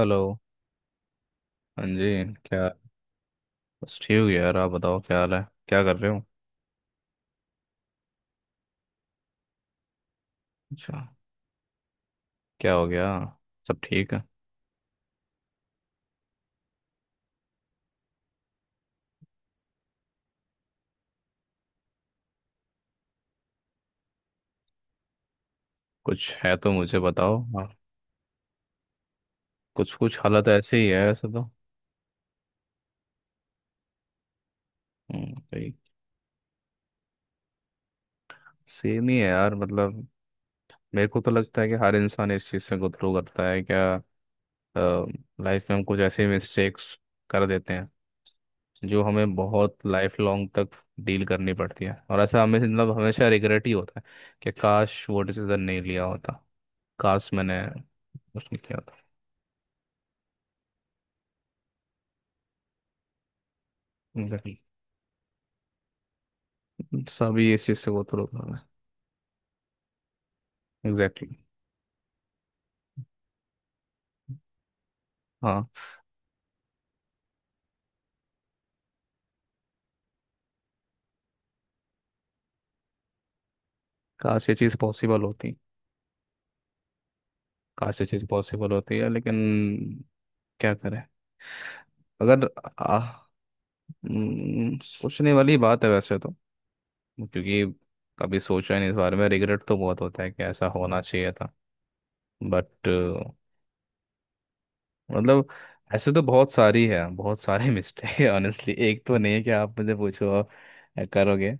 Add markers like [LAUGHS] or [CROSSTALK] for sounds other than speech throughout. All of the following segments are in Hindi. हेलो। हाँ जी, क्या? बस ठीक हो यार, आप बताओ क्या हाल है, क्या कर रहे हो? अच्छा। क्या हो गया? सब ठीक है? कुछ है तो मुझे बताओ, हाँ। कुछ कुछ हालत ऐसी ही है ऐसे तो। हम्म। सेम ही है यार, मतलब मेरे को तो लगता है कि हर इंसान इस चीज़ से गुथरू करता है क्या। लाइफ में हम कुछ ऐसे मिस्टेक्स कर देते हैं जो हमें बहुत लाइफ लॉन्ग तक डील करनी पड़ती है, और ऐसा हमें मतलब हमेशा रिग्रेट ही होता है कि काश वो डिसीजन नहीं लिया होता, काश मैंने उसने किया था। एग्जैक्टली। सभी इस चीज़ से वो तो लोग हैं। एग्जैक्टली। हाँ, काश ये चीज़ पॉसिबल होती, काश ये चीज़ पॉसिबल होती है लेकिन क्या करें? अगर आ, सोचने वाली बात है वैसे तो, क्योंकि कभी सोचा ही नहीं इस बारे में। रिग्रेट तो बहुत होता है कि ऐसा होना चाहिए था, बट मतलब ऐसे तो बहुत सारी है, बहुत सारे [LAUGHS] मिस्टेक है ऑनेस्टली, एक तो नहीं है कि आप मुझे पूछो और करोगे।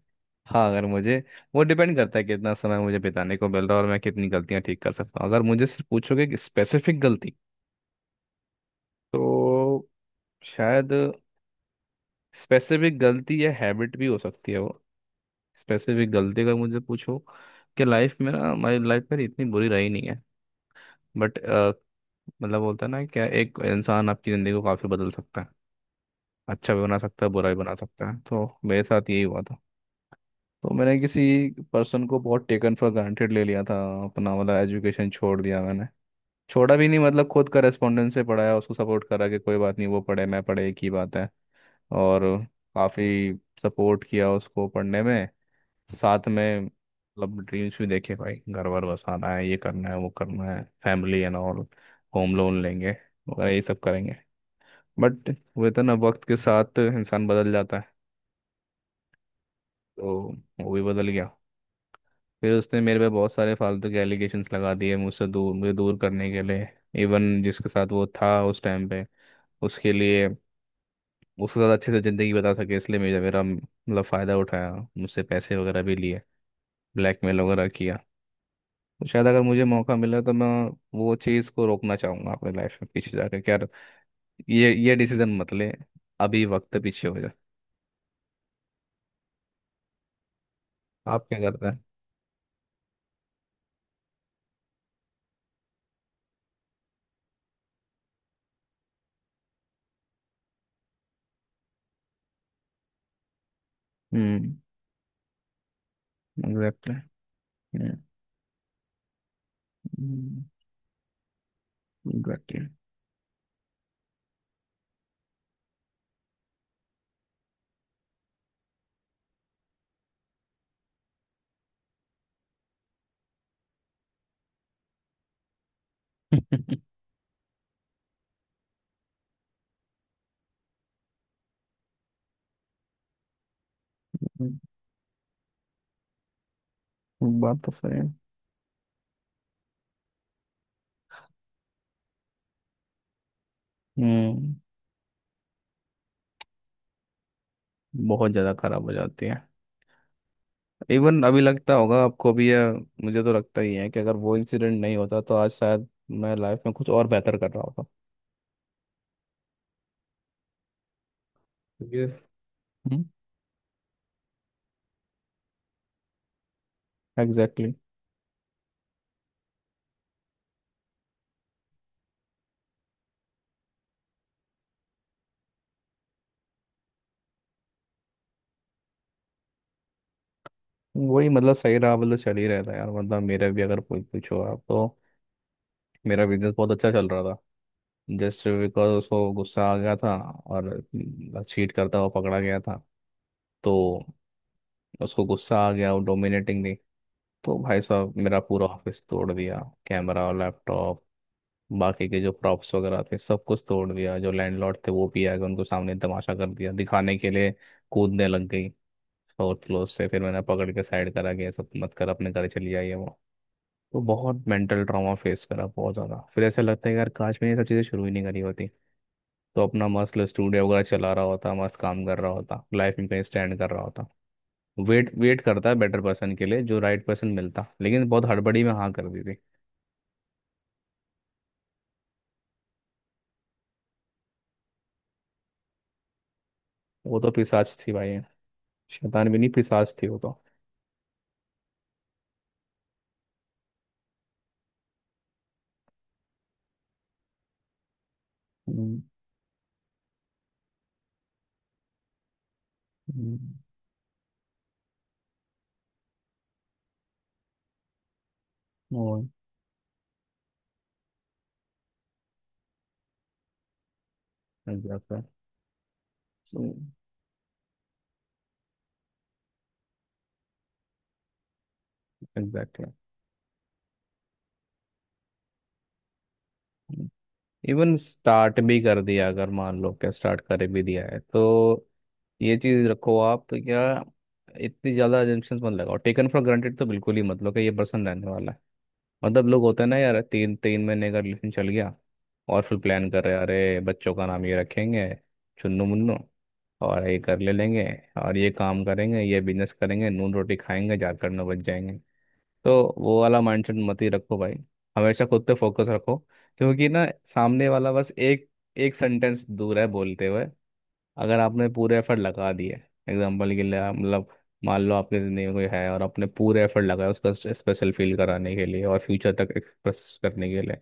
हाँ, अगर मुझे वो डिपेंड करता है कितना समय मुझे बिताने को मिल रहा है और मैं कितनी गलतियां ठीक कर सकता हूँ। अगर मुझे सिर्फ पूछोगे कि स्पेसिफिक गलती, तो शायद स्पेसिफिक गलती या हैबिट भी हो सकती है वो। स्पेसिफिक गलती अगर मुझे पूछो कि लाइफ में ना, मेरी लाइफ मेरी इतनी बुरी रही नहीं है, बट मतलब बोलता है ना क्या एक इंसान आपकी ज़िंदगी को काफ़ी बदल सकता है। अच्छा भी बना सकता है बुरा भी बना सकता है, तो मेरे साथ यही हुआ था। तो मैंने किसी पर्सन को बहुत टेकन फॉर ग्रांटेड ले लिया था, अपना वाला एजुकेशन छोड़ दिया मैंने, छोड़ा भी नहीं मतलब खुद करस्पॉन्डेंस से पढ़ाया उसको, सपोर्ट करा कि कोई बात नहीं वो पढ़े मैं पढ़े एक ही बात है। और काफ़ी सपोर्ट किया उसको पढ़ने में, साथ में मतलब ड्रीम्स भी देखे भाई, घर वर बसाना है, ये करना है वो करना है, family and all, home loan लेंगे वगैरह ये सब करेंगे, बट वो तो ना वक्त के साथ इंसान बदल जाता है। तो वो भी बदल गया। फिर उसने मेरे पे बहुत सारे फालतू के एलिगेशंस लगा दिए मुझसे दूर, मुझे दूर करने के लिए, इवन जिसके साथ वो था उस टाइम पे, उसके लिए, उसके साथ अच्छे से ज़िंदगी बता सके इसलिए मेरा मेरा मतलब फ़ायदा उठाया। मुझसे पैसे वगैरह भी लिए, ब्लैकमेल वगैरह किया। तो शायद अगर मुझे मौका मिला तो मैं वो चीज़ को रोकना चाहूँगा, अपने लाइफ में पीछे जाकर कि यार ये डिसीजन मत ले, अभी वक्त पीछे हो जाए। आप क्या करते हैं? हम्म। एग्जैक्टली। एग्जैक्टली। [LAUGHS] बात तो सही है। हम्म। बहुत ज़्यादा खराब हो जाती है। इवन अभी लगता होगा आपको भी? या मुझे तो लगता ही है कि अगर वो इंसिडेंट नहीं होता तो आज शायद मैं लाइफ में कुछ और बेहतर कर रहा होता। ये हम्म। Exactly exactly। वही मतलब सही रहा, मतलब चल ही रहता है यार मतलब। मेरा भी अगर पूछ पूछो आप तो, मेरा बिजनेस बहुत अच्छा चल रहा था। जस्ट बिकॉज उसको गुस्सा आ गया था और चीट करता हुआ पकड़ा गया था, तो उसको गुस्सा आ गया वो डोमिनेटिंग थी, तो भाई साहब मेरा पूरा ऑफिस तोड़ दिया, कैमरा, लैपटॉप, बाकी के जो प्रॉप्स वगैरह थे सब कुछ तोड़ दिया। जो लैंडलॉर्ड थे वो भी आ गए, उनको सामने तमाशा कर दिया दिखाने के लिए। कूदने लग गई फोर्थ फ्लोर से, फिर मैंने पकड़ के साइड करा, गया सब, मत कर, अपने घर चली आई है वो। तो बहुत मेंटल ट्रॉमा फेस करा, बहुत ज़्यादा। फिर ऐसा लगता है यार काश मैंने ये सब चीज़ें शुरू ही नहीं करी होती, तो अपना मस्त स्टूडियो वगैरह चला रहा होता, मस्त काम कर रहा होता, लाइफ में कहीं स्टैंड कर रहा होता, वेट वेट करता है बेटर पर्सन के लिए, जो राइट पर्सन मिलता, लेकिन बहुत हड़बड़ी में हाँ कर दी थी। वो तो पिशाच थी भाई, शैतान भी नहीं पिशाच थी वो तो। हम्म। हम्म। और एग्जैक्टली। एग्जैक्टली। इवन स्टार्ट भी कर दिया अगर, मान लो क्या, स्टार्ट कर भी दिया है तो ये चीज़ रखो आप क्या, इतनी ज़्यादा assumptions मत लगाओ, टेकन फॉर ग्रांटेड तो बिल्कुल ही मत लो कि ये पर्सन रहने वाला है। मतलब लोग होते हैं ना यार, तीन तीन महीने का रिलेशन चल गया और फिर प्लान कर रहे हैं, अरे बच्चों का नाम ये रखेंगे, चुन्नू मुन्नू, और ये कर ले लेंगे, और ये काम करेंगे, ये बिजनेस करेंगे, नून रोटी खाएंगे झारखंड में बच जाएंगे। तो वो वाला माइंडसेट मत ही रखो भाई, हमेशा खुद पे फोकस रखो, क्योंकि ना सामने वाला बस एक एक सेंटेंस दूर है बोलते हुए। अगर आपने पूरे एफर्ट लगा दिए, एग्जाम्पल के लिए मतलब, मान लो आपके ज़िंदगी में कोई है और आपने पूरे एफर्ट लगाए उसका स्पेशल फील कराने के लिए और फ्यूचर तक एक्सप्रेस करने के लिए,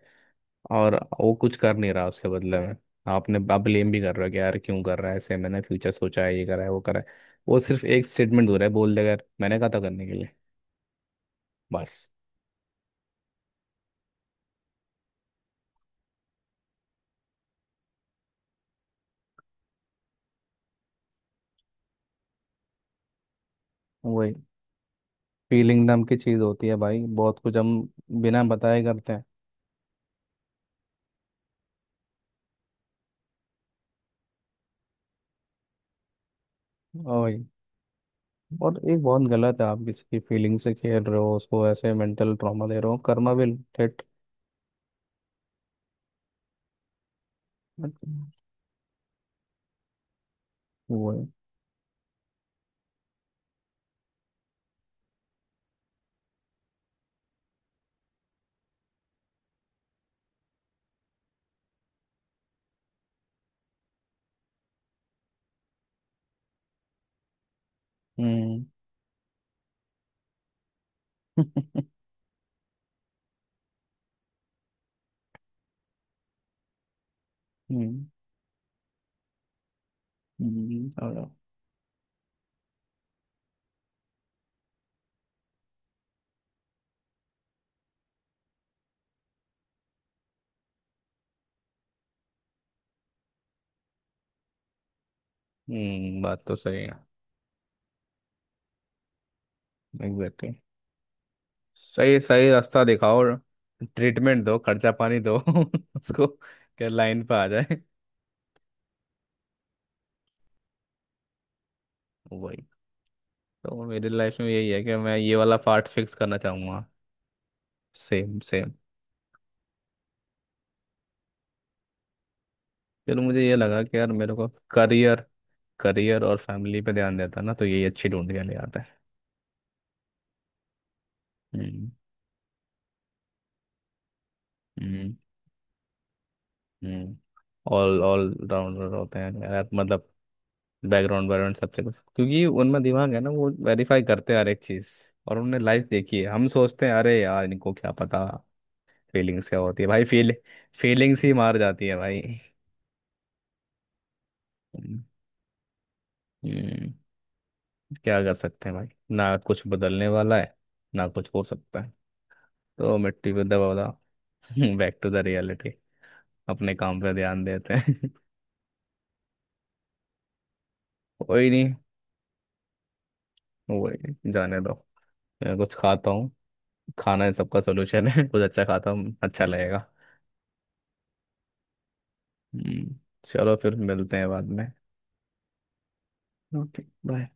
और वो कुछ कर नहीं रहा उसके बदले में, आपने आप ब्लेम भी कर रहे हो कि यार क्यों कर रहा है ऐसे, मैंने फ्यूचर सोचा है, ये करा है वो करा है। वो सिर्फ एक स्टेटमेंट हो रहा है, बोल देगा यार मैंने कहा था करने के लिए, बस। वही। फीलिंग नाम की चीज़ होती है भाई, बहुत कुछ हम बिना बताए करते हैं। ओए, और एक बहुत गलत है, आप किसी की फीलिंग से खेल रहे हो, उसको ऐसे मेंटल ट्रॉमा दे रहे हो करना भी, ठेट। वो है। हम्म। [LAUGHS] हम्म। हम्म। बात तो सही है। एग्जैक्टली। सही सही रास्ता दिखाओ और ट्रीटमेंट दो, खर्चा पानी दो [LAUGHS] उसको, क्या लाइन पे आ जाए। वही। तो मेरी लाइफ में यही है कि मैं ये वाला पार्ट फिक्स करना चाहूँगा। Same same. फिर मुझे ये लगा कि यार मेरे को करियर करियर और फैमिली पे ध्यान देता ना तो यही अच्छी ढूंढ के ले आता है। हम्म। हम्म। हम्म। ऑल ऑल राउंडर होते हैं यार, मतलब बैकग्राउंड बैकग्राउंड सबसे कुछ, क्योंकि उनमें दिमाग है ना, वो वेरीफाई करते हैं हर एक चीज़। और उनने लाइफ देखी है, हम सोचते हैं अरे यार इनको क्या पता फीलिंग्स क्या होती है भाई, फील, फीलिंग्स ही मार जाती है भाई। हम्म। हम्म। क्या कर सकते हैं भाई, ना कुछ बदलने वाला है ना कुछ हो सकता है। तो मिट्टी पे दबा, बैक टू द रियलिटी। [LAUGHS] अपने काम पे ध्यान देते हैं। [LAUGHS] कोई नहीं, वही, जाने दो। मैं कुछ खाता, खाना है सबका सोल्यूशन है। [LAUGHS] कुछ अच्छा खाता हूँ अच्छा लगेगा। हम्म। चलो फिर मिलते हैं बाद में। Okay bye.